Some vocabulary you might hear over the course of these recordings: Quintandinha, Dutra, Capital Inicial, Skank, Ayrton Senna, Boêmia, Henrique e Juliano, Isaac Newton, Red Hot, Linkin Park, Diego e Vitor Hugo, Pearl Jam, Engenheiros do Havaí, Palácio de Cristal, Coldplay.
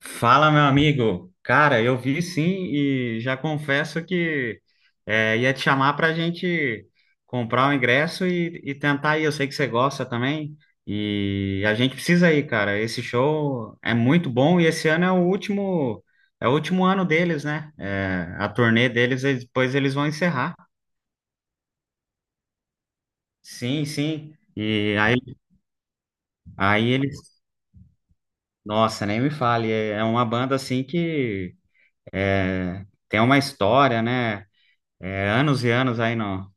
Fala, meu amigo. Cara, eu vi sim e já confesso que ia te chamar para a gente comprar o ingresso e tentar ir. Eu sei que você gosta também e a gente precisa ir, cara. Esse show é muito bom e esse ano é é o último ano deles, né? É, a turnê deles, depois eles vão encerrar. Sim, sim. Aí eles, nossa, nem me fale. É uma banda assim que tem uma história, né? É, anos e anos aí no,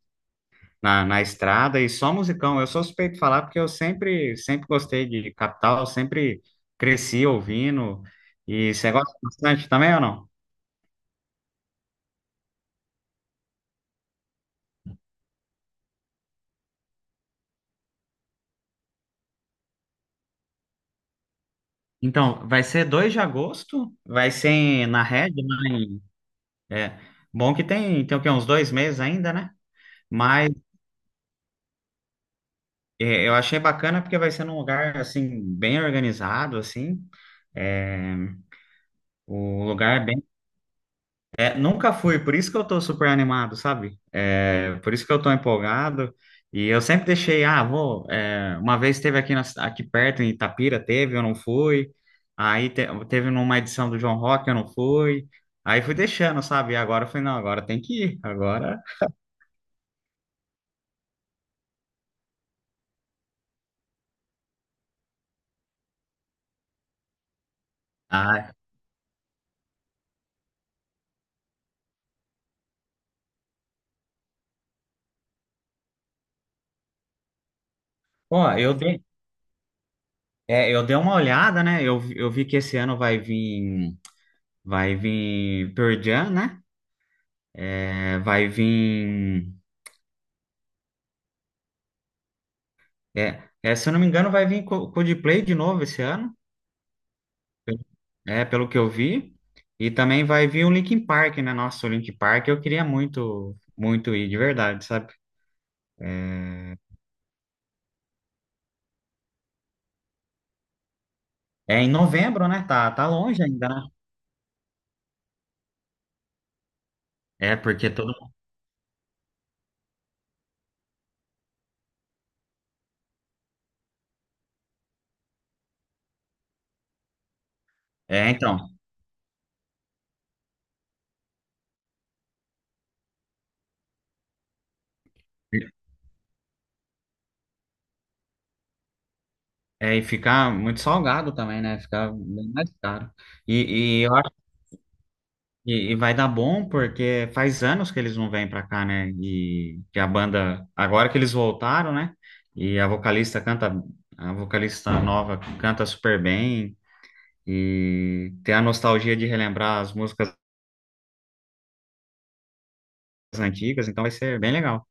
na, na estrada e só musicão. Eu sou suspeito de falar porque eu sempre gostei de Capital, sempre cresci ouvindo. E você gosta bastante também ou não? Então, vai ser 2 de agosto, na Red, é, bom que tem, tem o quê, uns dois meses ainda, né? Mas é, eu achei bacana porque vai ser num lugar, assim, bem organizado, assim, é, o lugar é bem. É, Nunca fui, por isso que eu tô super animado, sabe? É, por isso que eu tô empolgado. E eu sempre deixei, ah, vou. É, uma vez teve aqui, aqui perto, em Itapira, teve, eu não fui. Aí teve numa edição do João Rock, eu não fui. Aí fui deixando, sabe? E agora eu falei, não, agora tem que ir. Agora. Ah, pô, eu dei, é, eu dei uma olhada, né? Eu vi que esse ano vai vir Pearl Jam, né? É, vai vir. Se eu não me engano, vai vir Coldplay de novo esse ano. É, pelo que eu vi. E também vai vir o Linkin Park, né? Nossa, o Linkin Park eu queria muito ir, de verdade, sabe? É, é em novembro, né? Tá, tá longe ainda, né? É, porque todo. É, então. É, e ficar muito salgado também, né? Ficar bem mais caro. E eu e vai dar bom porque faz anos que eles não vêm pra cá, né? E que a banda, agora que eles voltaram, né? E a vocalista canta, a vocalista nova canta super bem e tem a nostalgia de relembrar as músicas antigas, então vai ser bem legal.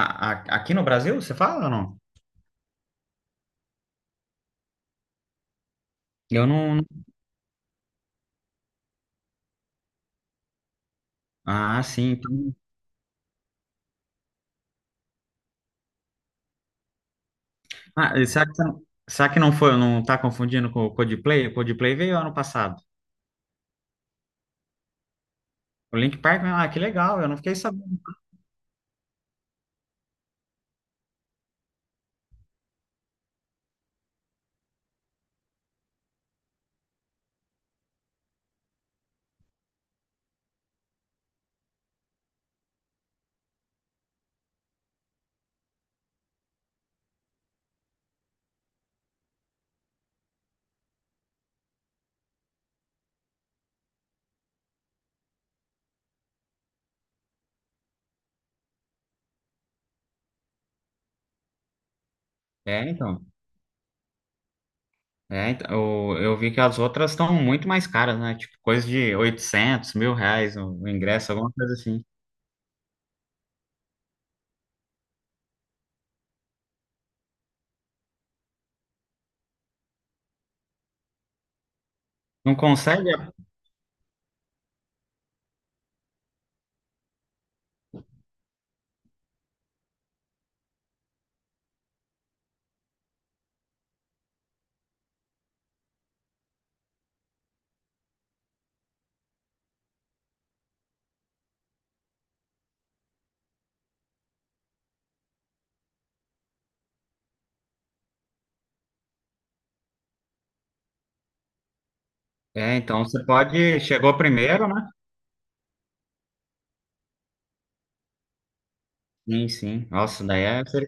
Aqui no Brasil, você fala ou não? Eu não. Ah, sim. Então. Ah, será que não foi, não tá confundindo com o Coldplay? O Coldplay veio ano passado. O Link Park, ah, que legal, eu não fiquei sabendo. É, então. Eu vi que as outras estão muito mais caras, né? Tipo, coisa de 800 mil reais o ingresso, alguma coisa assim. Não consegue? É, então você pode. Chegou primeiro, né? Sim, sim. Nossa, daí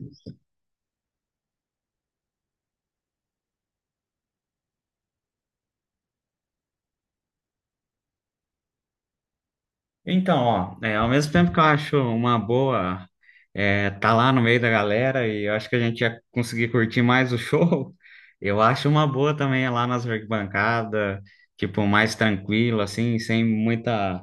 então, ó, é, ao mesmo tempo que eu acho uma boa tá lá no meio da galera e eu acho que a gente ia conseguir curtir mais o show, eu acho uma boa também é lá nas arquibancadas, tipo, mais tranquilo, assim, sem muita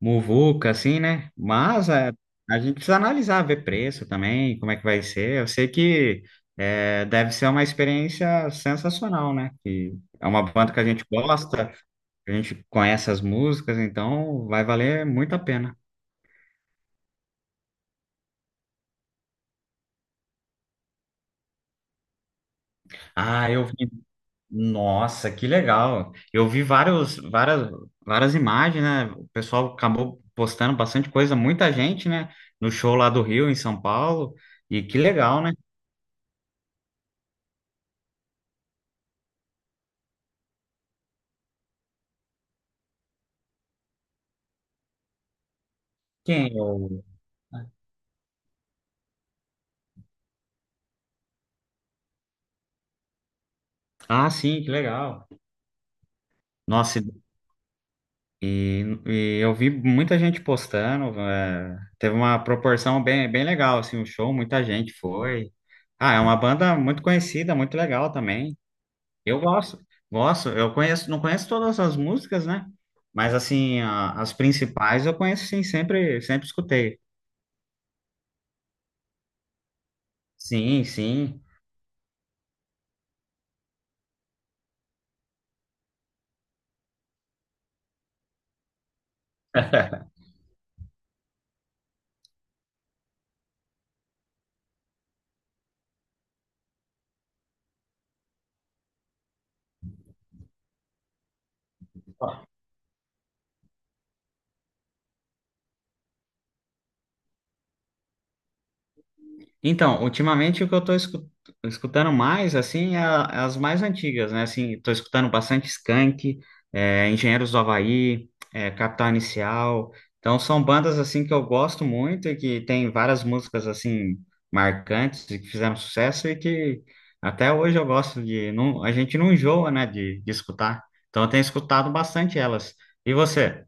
muvuca, assim, né? Mas é, a gente precisa analisar, ver preço também, como é que vai ser. Eu sei que deve ser uma experiência sensacional, né? Que é uma banda que a gente gosta, a gente conhece as músicas, então vai valer muito a pena. Ah, eu vi. Nossa, que legal! Eu vi várias imagens, né? O pessoal acabou postando bastante coisa, muita gente, né? No show lá do Rio, em São Paulo. E que legal, né? Quem? Ah, sim, que legal. Nossa, e eu vi muita gente postando, é, teve uma proporção bem legal, assim, o show, muita gente foi. Ah, é uma banda muito conhecida, muito legal também. Eu gosto, gosto, eu conheço, não conheço todas as músicas, né? Mas, assim, as principais eu conheço, sim, sempre escutei. Sim, sim. Então, ultimamente o que eu escutando mais, assim, é é as mais antigas, né? Assim, tô escutando bastante Skank, é, Engenheiros do Havaí, é, Capital Inicial. Então, são bandas, assim, que eu gosto muito e que tem várias músicas, assim, marcantes e que fizeram sucesso e que até hoje eu gosto de... Não, a gente não enjoa, né, de escutar. Então, eu tenho escutado bastante elas. E você?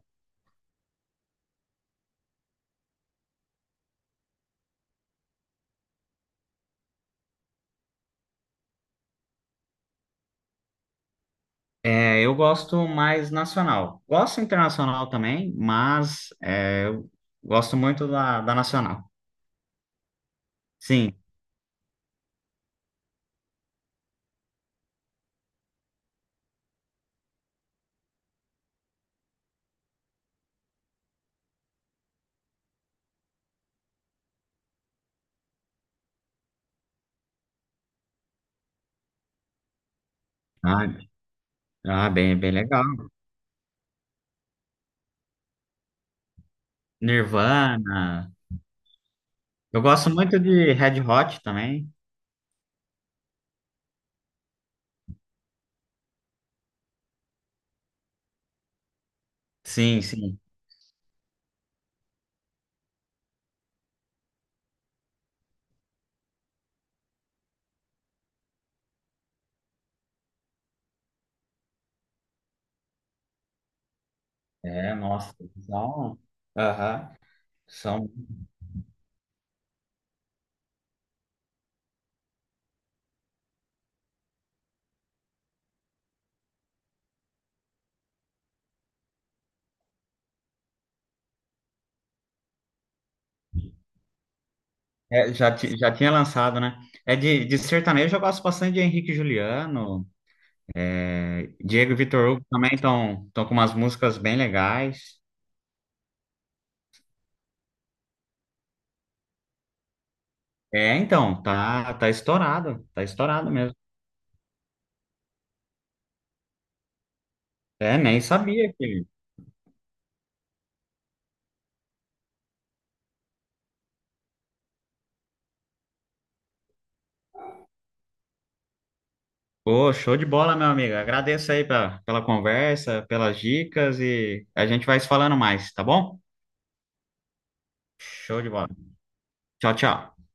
É, eu gosto mais nacional. Gosto internacional também, mas eu gosto muito da nacional. Sim. Ah, bem, bem legal. Nirvana. Eu gosto muito de Red Hot também. Sim, sim. É, nossa, são. Aham. São. É, já, já tinha lançado, né? É de sertanejo, eu gosto bastante de Henrique e Juliano. É, Diego e Vitor Hugo também estão com umas músicas bem legais. É, então, tá, tá estourado mesmo. É, nem sabia que. Pô, show de bola, meu amigo. Agradeço aí pela, pela conversa, pelas dicas e a gente vai se falando mais, tá bom? Show de bola. Tchau, tchau.